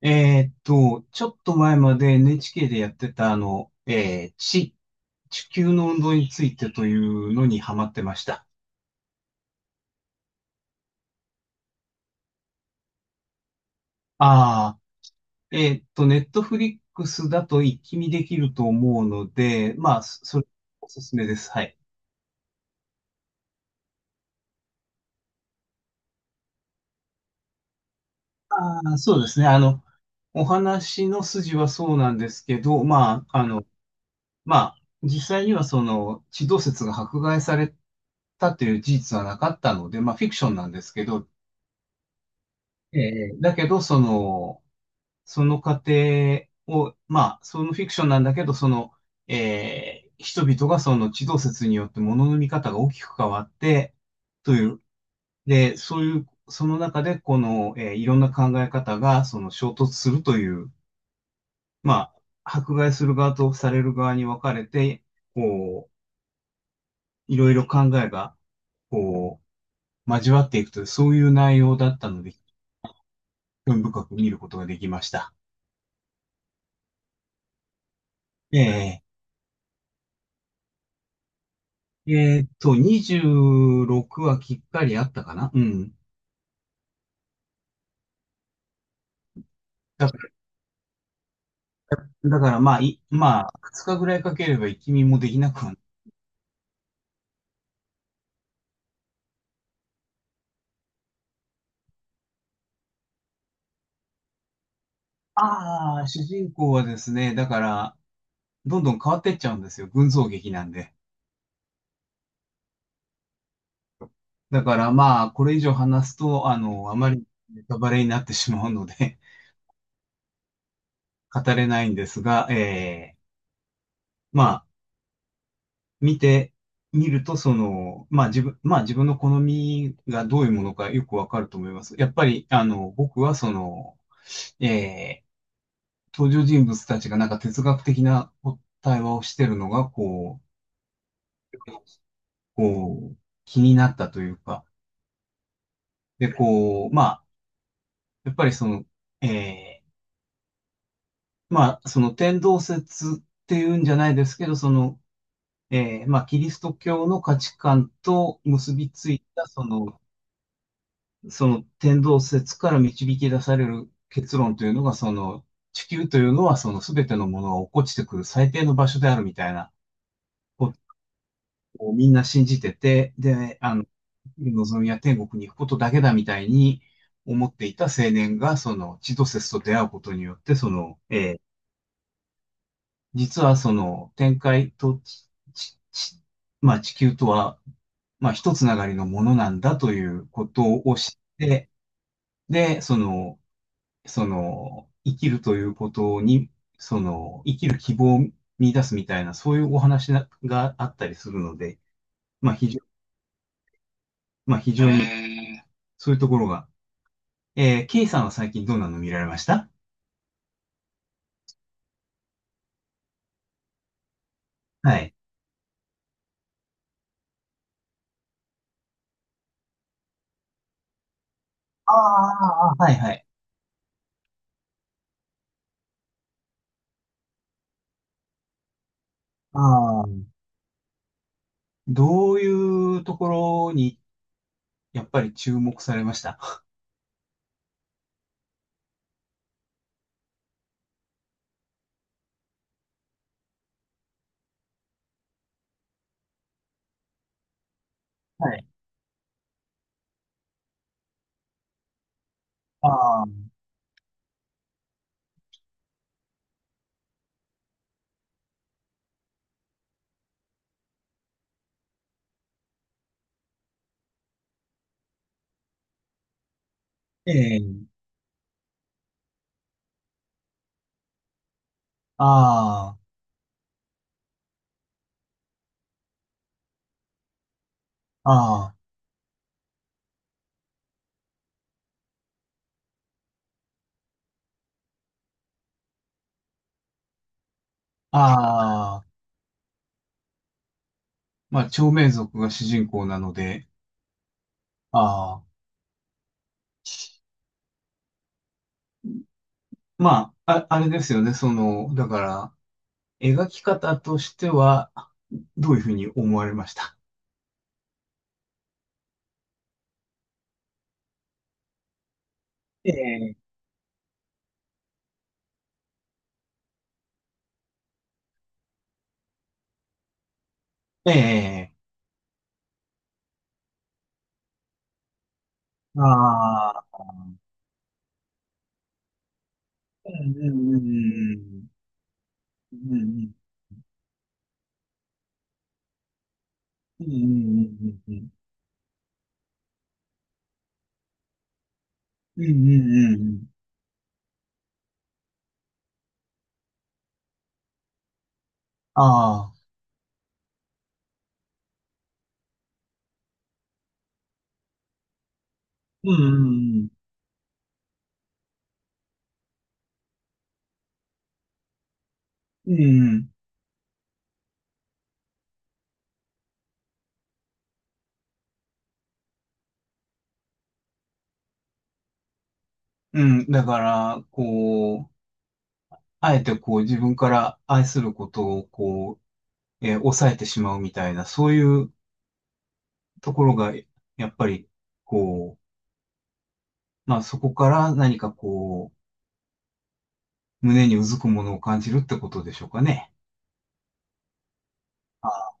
ちょっと前まで NHK でやってた地球の運動についてというのにハマってました。ああ、ネットフリックスだと一気見できると思うので、まあ、それおすすめです。はい。ああ、そうですね。お話の筋はそうなんですけど、まあ、まあ、実際にはその、地動説が迫害されたという事実はなかったので、まあ、フィクションなんですけど、だけど、その過程を、まあ、そのフィクションなんだけど、その、人々がその地動説によって物の見方が大きく変わって、という、で、そういう、その中で、この、いろんな考え方が、その衝突するという、まあ、迫害する側とされる側に分かれて、こう、いろいろ考えが、こう、交わっていくという、そういう内容だったので、興味深く見ることができました。ええ26はきっかりあったかな。うん。だかだからまあ、まあ、2日ぐらいかければ一気もできなくはない。ああ、主人公はですね、だから、どんどん変わってっちゃうんですよ。群像劇なんで。だからまあ、これ以上話すと、あまりネタバレになってしまうので 語れないんですが、えま見てみると、その、まあ自分の好みがどういうものかよくわかると思います。やっぱり、僕はその、えー登場人物たちがなんか哲学的な対話をしてるのが、う、こう、気になったというか、で、こう、まあ、やっぱりその、えーまあ、その天動説っていうんじゃないですけど、その、まあ、キリスト教の価値観と結びついた、その、天動説から導き出される結論というのが、その地球というのはその全てのものが落っこちてくる最低の場所であるみたいなことをみんな信じてて、で、望みは天国に行くことだけだみたいに思っていた青年が、その地動説と出会うことによって、その、実はその天界とちちちまあ、地球とは、まあ、一つながりのものなんだということを知って、で、その、生きるということに、その、生きる希望を見出すみたいな、そういうお話ながあったりするので、まあ、非常、まあ、非常に、そういうところが。K さんは最近どんなの見られました？はい。ああ、はいはい。ああ、どういうところに、やっぱり注目されました？はい。ああ、ええ、ああ、ああ、ああ、まあ、長命族が主人公なので、ああ。まあ、あれですよね。その、だから、描き方としては、どういうふうに思われました？ええ。ええ、ああ、うんうんうんうん。ん、うん、うん、うん、うん、うん、うん、うん、うん、ああ、うん、うん、うん、うん、だから、こう、あえてこう自分から愛することをこう、抑えてしまうみたいな、そういうところが、やっぱり、こう、まあそこから何かこう、胸にうずくものを感じるってことでしょうかね。ああ、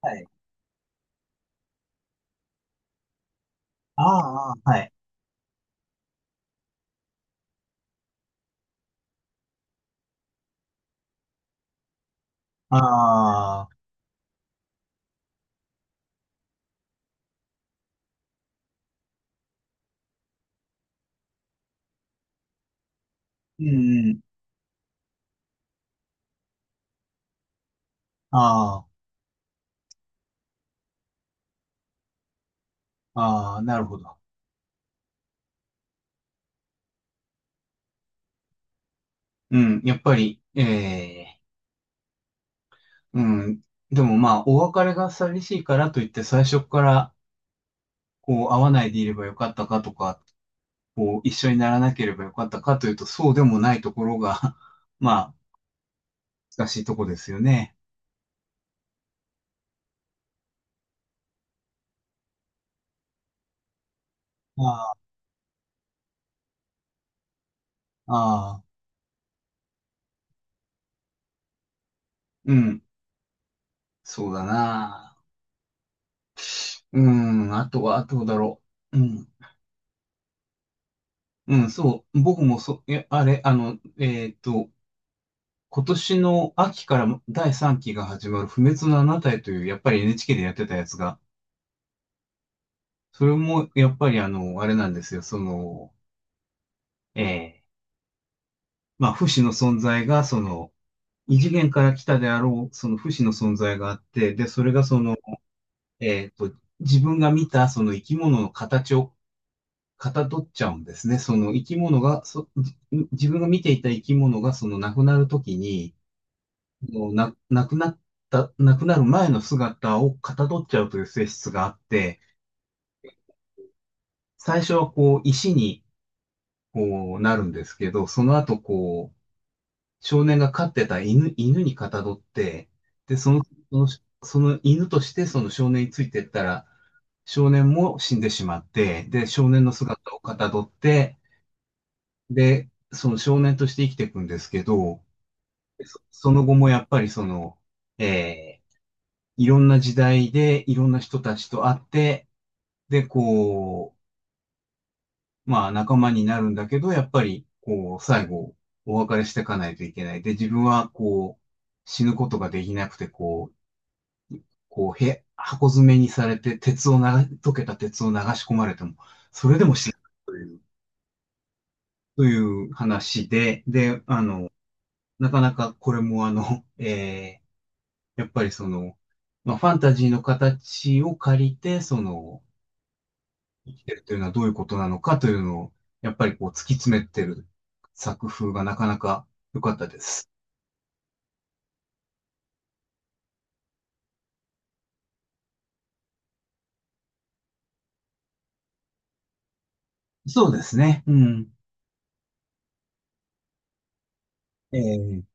はい。ああ、はい。ああ、うんうん。ああ、ああ、なるほど。うん、やっぱり、ええ、うん。でもまあ、お別れが寂しいからといって、最初から、こう、会わないでいればよかったかとか、こう、一緒にならなければよかったかというと、そうでもないところが まあ、難しいとこですよね。ああ、ああ、うん、そうだな。うん、あとは、あとだろう。うん。うん、そう。僕もあれ、今年の秋から第3期が始まる不滅のあなたへという、やっぱり NHK でやってたやつが、それも、やっぱりあれなんですよ。その、ええまあ、不死の存在が、その、異次元から来たであろう、その不死の存在があって、で、それがその、えーっと、自分が見た、その生き物の形をかたどっちゃうんですね。その生き物が、自分が見ていた生き物がその亡くなるときに、もうな、亡くなった、亡くなる前の姿をかたどっちゃうという性質があって、最初はこう石にこうなるんですけど、その後こう少年が飼ってた犬にかたどって、で、その、その犬としてその少年についてったら、少年も死んでしまって、で、少年の姿をかたどって、で、その少年として生きていくんですけど、その後もやっぱりその、えーいろんな時代でいろんな人たちと会って、で、こう、まあ仲間になるんだけど、やっぱり、こう、最後、お別れしていかないといけない。で、自分は、こう、死ぬことができなくて、こう、箱詰めにされて、鉄をな、溶けた鉄を流し込まれても、それでも死ぬという、という話で、で、なかなかこれもーやっぱりその、まあ、ファンタジーの形を借りて、その、生きてるというのはどういうことなのかというのを、やっぱりこう突き詰めてる作風がなかなか良かったです。そうですね。うん。ええ